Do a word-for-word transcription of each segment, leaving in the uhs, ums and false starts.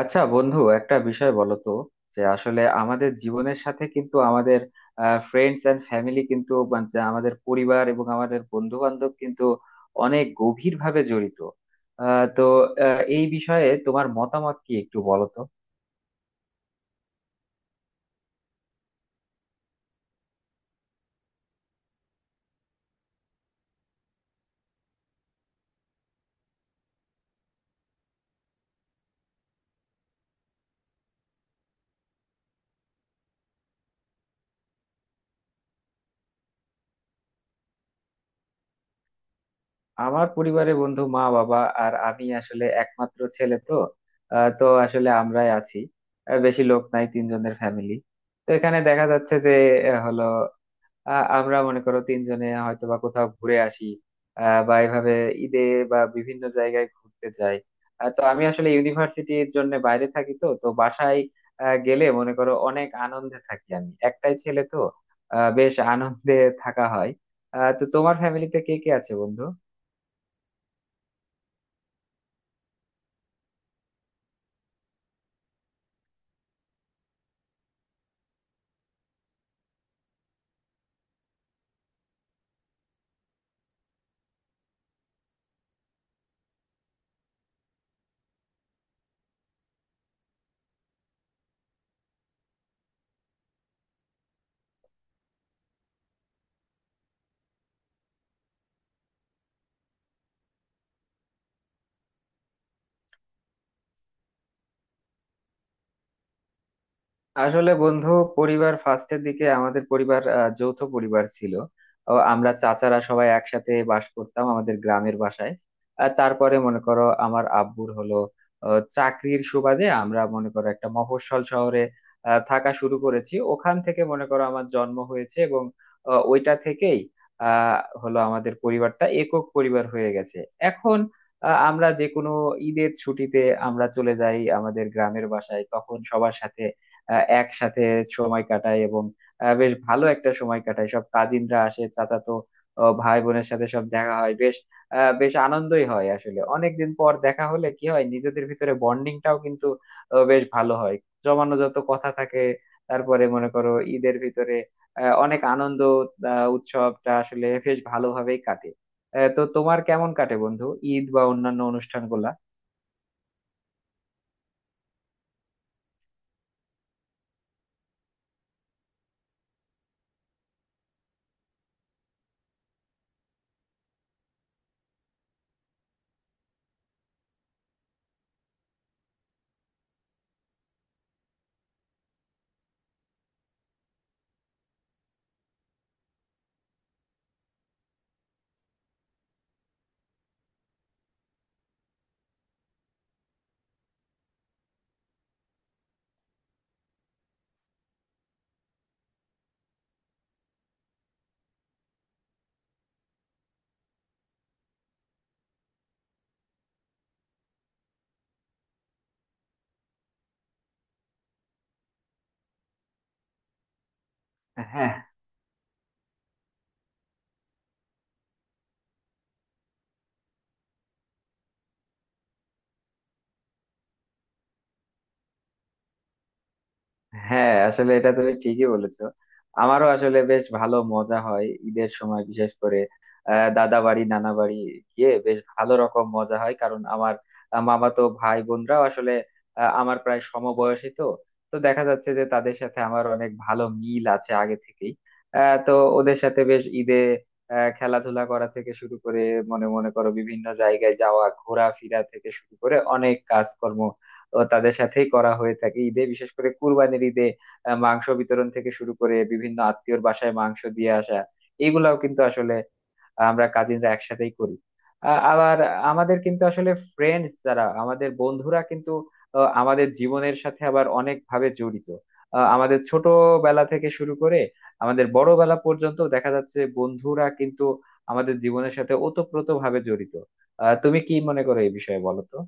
আচ্ছা বন্ধু, একটা বিষয় বলো তো, যে আসলে আমাদের জীবনের সাথে কিন্তু আমাদের ফ্রেন্ডস এন্ড ফ্যামিলি, কিন্তু মানে যে আমাদের পরিবার এবং আমাদের বন্ধু বান্ধব কিন্তু অনেক গভীর ভাবে জড়িত। আহ, তো আহ, এই বিষয়ে তোমার মতামত কি একটু বলো তো। আমার পরিবারে বন্ধু মা বাবা, আর আমি আসলে একমাত্র ছেলে তো। আহ, তো আসলে আমরাই আছি, আহ, বেশি লোক নাই, তিনজনের ফ্যামিলি। তো এখানে দেখা যাচ্ছে যে আহ, হলো আহ, আমরা মনে করো তিনজনে হয়তো বা কোথাও ঘুরে আসি, আহ, বা এভাবে ঈদে বা বিভিন্ন জায়গায় ঘুরতে যাই। আহ, তো আমি আসলে ইউনিভার্সিটির জন্য বাইরে থাকি, তো তো বাসায় আহ, গেলে মনে করো অনেক আনন্দে থাকি, আমি একটাই ছেলে তো। আহ, বেশ আনন্দে থাকা হয়। আহ, তো তোমার ফ্যামিলিতে কে কে আছে বন্ধু? আসলে বন্ধু, পরিবার ফার্স্টের দিকে আমাদের পরিবার আহ, যৌথ পরিবার ছিল। ও আমরা চাচারা সবাই একসাথে বাস করতাম আমাদের গ্রামের বাসায়। আর তারপরে মনে করো আমার আব্বুর হলো আহ, চাকরির সুবাদে আমরা মনে করো একটা মফস্বল শহরে আহ, থাকা শুরু করেছি, ওখান থেকে মনে করো আমার জন্ম হয়েছে, এবং আহ, ওইটা থেকেই আহ হলো আমাদের পরিবারটা একক পরিবার হয়ে গেছে। এখন আহ, আমরা যে কোনো ঈদের ছুটিতে আমরা চলে যাই আমাদের গ্রামের বাসায়, তখন সবার সাথে আহ, একসাথে সময় কাটাই, এবং আহ, বেশ ভালো একটা সময় কাটাই। সব কাজিনরা আসে, চাচাতো আহ, ভাই বোনের সাথে সব দেখা হয়, বেশ আহ, বেশ আনন্দই হয়। আসলে অনেকদিন পর দেখা হলে কি হয়, নিজেদের ভিতরে বন্ডিংটাও কিন্তু আহ, বেশ ভালো হয়, জমানো যত কথা থাকে। তারপরে মনে করো ঈদের ভিতরে আহ, অনেক আনন্দ আহ, উৎসবটা আসলে বেশ ভালোভাবেই কাটে। আহ, তো তোমার কেমন কাটে বন্ধু, ঈদ বা অন্যান্য অনুষ্ঠানগুলা? হ্যাঁ, হ্যাঁ, আসলে এটা তুমি ঠিকই বলেছো। আমারও আসলে বেশ ভালো মজা হয় ঈদের সময়, বিশেষ করে আহ, দাদা বাড়ি নানা বাড়ি গিয়ে বেশ ভালো রকম মজা হয়, কারণ আমার আহ, মামাতো ভাই বোনরাও আসলে আহ, আমার প্রায় সমবয়সী তো। তো দেখা যাচ্ছে যে তাদের সাথে আমার অনেক ভালো মিল আছে আগে থেকেই। আহ, তো ওদের সাথে বেশ ঈদে আহ, খেলাধুলা করা থেকে শুরু করে মনে মনে করো বিভিন্ন জায়গায় যাওয়া, ঘোরাফেরা থেকে শুরু করে অনেক কাজকর্ম তো তাদের সাথেই করা হয়ে থাকে ঈদে, বিশেষ করে কুরবানির ঈদে আহ, মাংস বিতরণ থেকে শুরু করে বিভিন্ন আত্মীয়র বাসায় মাংস দিয়ে আসা, এইগুলাও কিন্তু আসলে আমরা কাজিনরা একসাথেই করি। আ- আবার আমাদের কিন্তু আসলে ফ্রেন্ডস যারা, আমাদের বন্ধুরা কিন্তু আহ, আমাদের জীবনের সাথে আবার অনেক ভাবে জড়িত। আহ, আমাদের ছোটবেলা থেকে শুরু করে আমাদের বড়বেলা পর্যন্ত দেখা যাচ্ছে বন্ধুরা কিন্তু আমাদের জীবনের সাথে ওতপ্রোত ভাবে জড়িত। আহ তুমি কি মনে করো এই বিষয়ে বলো তো?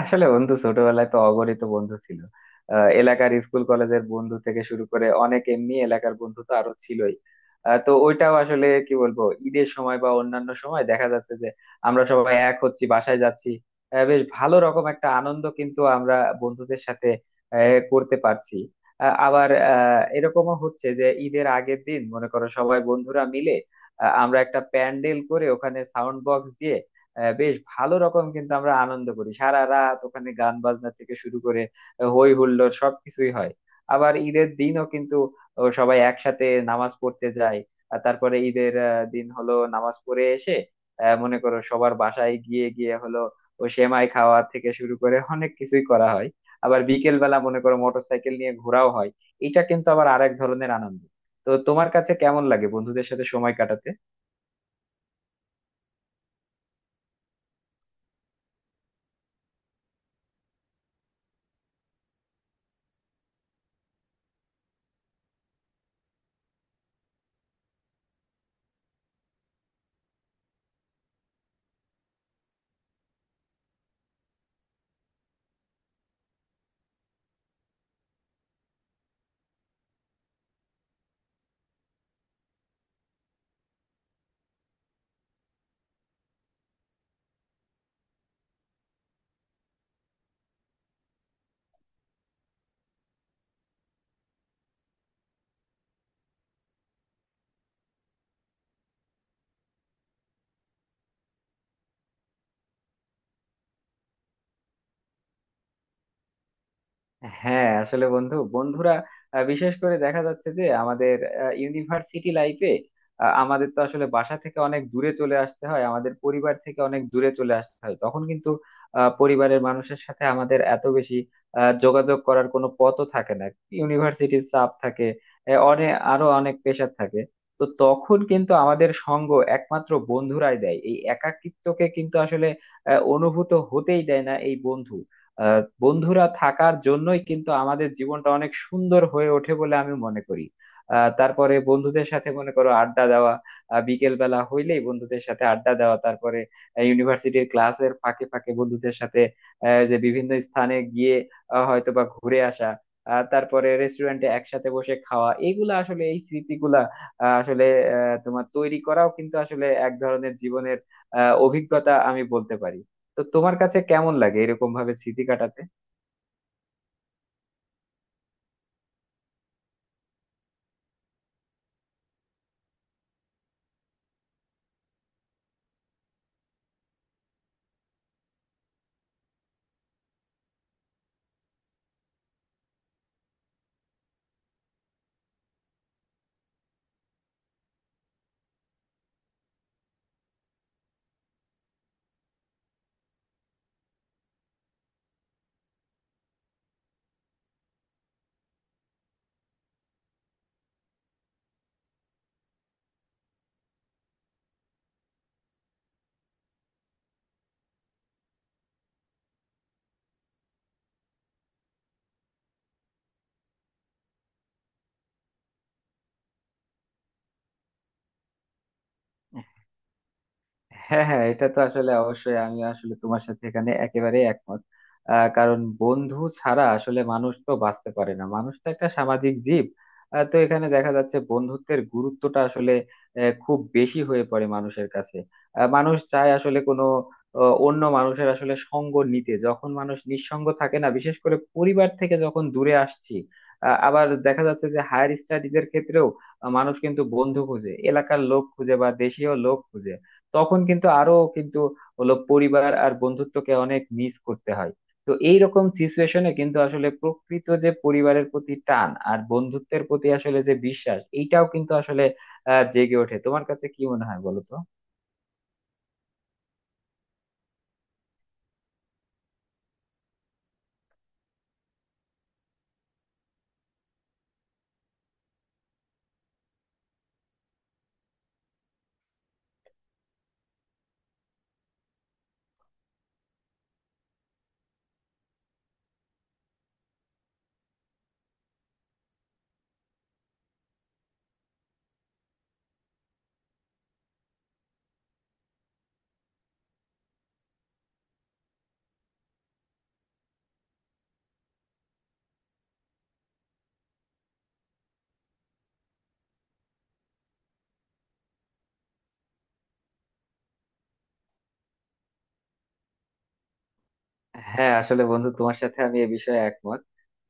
আসলে বন্ধু ছোটবেলায় তো অগণিত বন্ধু ছিল, আহ, এলাকার স্কুল কলেজের বন্ধু থেকে শুরু করে অনেক, এমনি এলাকার বন্ধু তো আরো ছিলই। আহ, তো ওইটাও আসলে কি বলবো, ঈদের সময় বা অন্যান্য সময় দেখা যাচ্ছে যে আমরা সবাই এক হচ্ছি, বাসায় যাচ্ছি, আহ, বেশ ভালো রকম একটা আনন্দ কিন্তু আমরা বন্ধুদের সাথে আহ, করতে পারছি। আহ, আবার আহ, এরকমও হচ্ছে যে ঈদের আগের দিন মনে করো সবাই বন্ধুরা মিলে আহ, আমরা একটা প্যান্ডেল করে ওখানে সাউন্ড বক্স দিয়ে আহ, বেশ ভালো রকম কিন্তু আমরা আনন্দ করি সারা রাত, ওখানে গান বাজনা থেকে শুরু করে আহ, হই হুল্লোড় সবকিছুই হয়। আবার ঈদের দিনও কিন্তু, ও, সবাই একসাথে নামাজ পড়তে যায়। আর তারপরে ঈদের আহ, দিন হলো নামাজ পড়ে এসে আহ, মনে করো সবার বাসায় গিয়ে গিয়ে হলো, ও সেমাই খাওয়া থেকে শুরু করে অনেক কিছুই করা হয়। আবার বিকেল বেলা মনে করো মোটরসাইকেল নিয়ে ঘোরাও হয়, এটা কিন্তু আবার আরেক ধরনের আনন্দ। তো তোমার কাছে কেমন লাগে বন্ধুদের সাথে সময় কাটাতে? হ্যাঁ, আসলে বন্ধু, বন্ধুরা আহ, বিশেষ করে দেখা যাচ্ছে যে আমাদের ইউনিভার্সিটি লাইফে আমাদের তো আসলে বাসা থেকে অনেক দূরে চলে আসতে হয়, আমাদের পরিবার থেকে অনেক দূরে চলে আসতে হয়, তখন কিন্তু আহ, পরিবারের মানুষের সাথে আমাদের এত বেশি আহ, যোগাযোগ করার কোনো পথও থাকে না। ইউনিভার্সিটির চাপ থাকে, অনেক আরো অনেক প্রেশার থাকে। তো তখন কিন্তু আমাদের সঙ্গ একমাত্র বন্ধুরাই দেয়, এই একাকিত্বকে কিন্তু আসলে আহ, অনুভূত হতেই দেয় না। এই বন্ধু আহ, বন্ধুরা থাকার জন্যই কিন্তু আমাদের জীবনটা অনেক সুন্দর হয়ে ওঠে বলে আমি মনে করি। আহ, তারপরে বন্ধুদের সাথে মনে করো আড্ডা দেওয়া, আহ, বিকেল বেলা হইলেই বন্ধুদের সাথে আড্ডা দেওয়া, তারপরে ইউনিভার্সিটির ক্লাসের ফাঁকে ফাঁকে বন্ধুদের সাথে আহ, যে বিভিন্ন স্থানে গিয়ে আহ, হয়তো বা ঘুরে আসা, আহ, তারপরে রেস্টুরেন্টে একসাথে বসে খাওয়া, এগুলা আসলে এই স্মৃতিগুলা আহ, আসলে আহ, তোমার তৈরি করাও কিন্তু আসলে এক ধরনের জীবনের আহ, অভিজ্ঞতা আমি বলতে পারি। তো তোমার কাছে কেমন লাগে এরকম ভাবে স্মৃতি কাটাতে? হ্যাঁ, হ্যাঁ, এটা তো আসলে অবশ্যই, আমি আসলে তোমার সাথে এখানে একেবারে একমত। আহ, কারণ বন্ধু ছাড়া আসলে মানুষ তো বাঁচতে পারে না, মানুষ তো একটা সামাজিক জীব। আহ, তো এখানে দেখা যাচ্ছে বন্ধুত্বের গুরুত্বটা আসলে আহ, খুব বেশি হয়ে পড়ে মানুষের কাছে। আহ, মানুষ চায় আসলে কোনো আহ, অন্য মানুষের আসলে সঙ্গ নিতে, যখন মানুষ নিঃসঙ্গ থাকে না, বিশেষ করে পরিবার থেকে যখন দূরে আসছি, আহ, আবার দেখা যাচ্ছে যে হায়ার স্টাডিজের ক্ষেত্রেও আহ, মানুষ কিন্তু বন্ধু খুঁজে, এলাকার লোক খুঁজে বা দেশীয় লোক খুঁজে, তখন কিন্তু আরো কিন্তু হলো পরিবার আর বন্ধুত্বকে অনেক মিস করতে হয়। তো এইরকম সিচুয়েশনে কিন্তু আসলে প্রকৃত যে পরিবারের প্রতি টান আর বন্ধুত্বের প্রতি আসলে যে বিশ্বাস, এইটাও কিন্তু আসলে আহ জেগে ওঠে। তোমার কাছে কি মনে হয় বলো তো? হ্যাঁ, আসলে বন্ধু, তোমার সাথে আমি এ বিষয়ে একমত।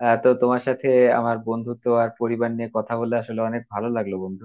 আহ, তো তোমার সাথে আমার বন্ধুত্ব আর পরিবার নিয়ে কথা বলে আসলে অনেক ভালো লাগলো বন্ধু।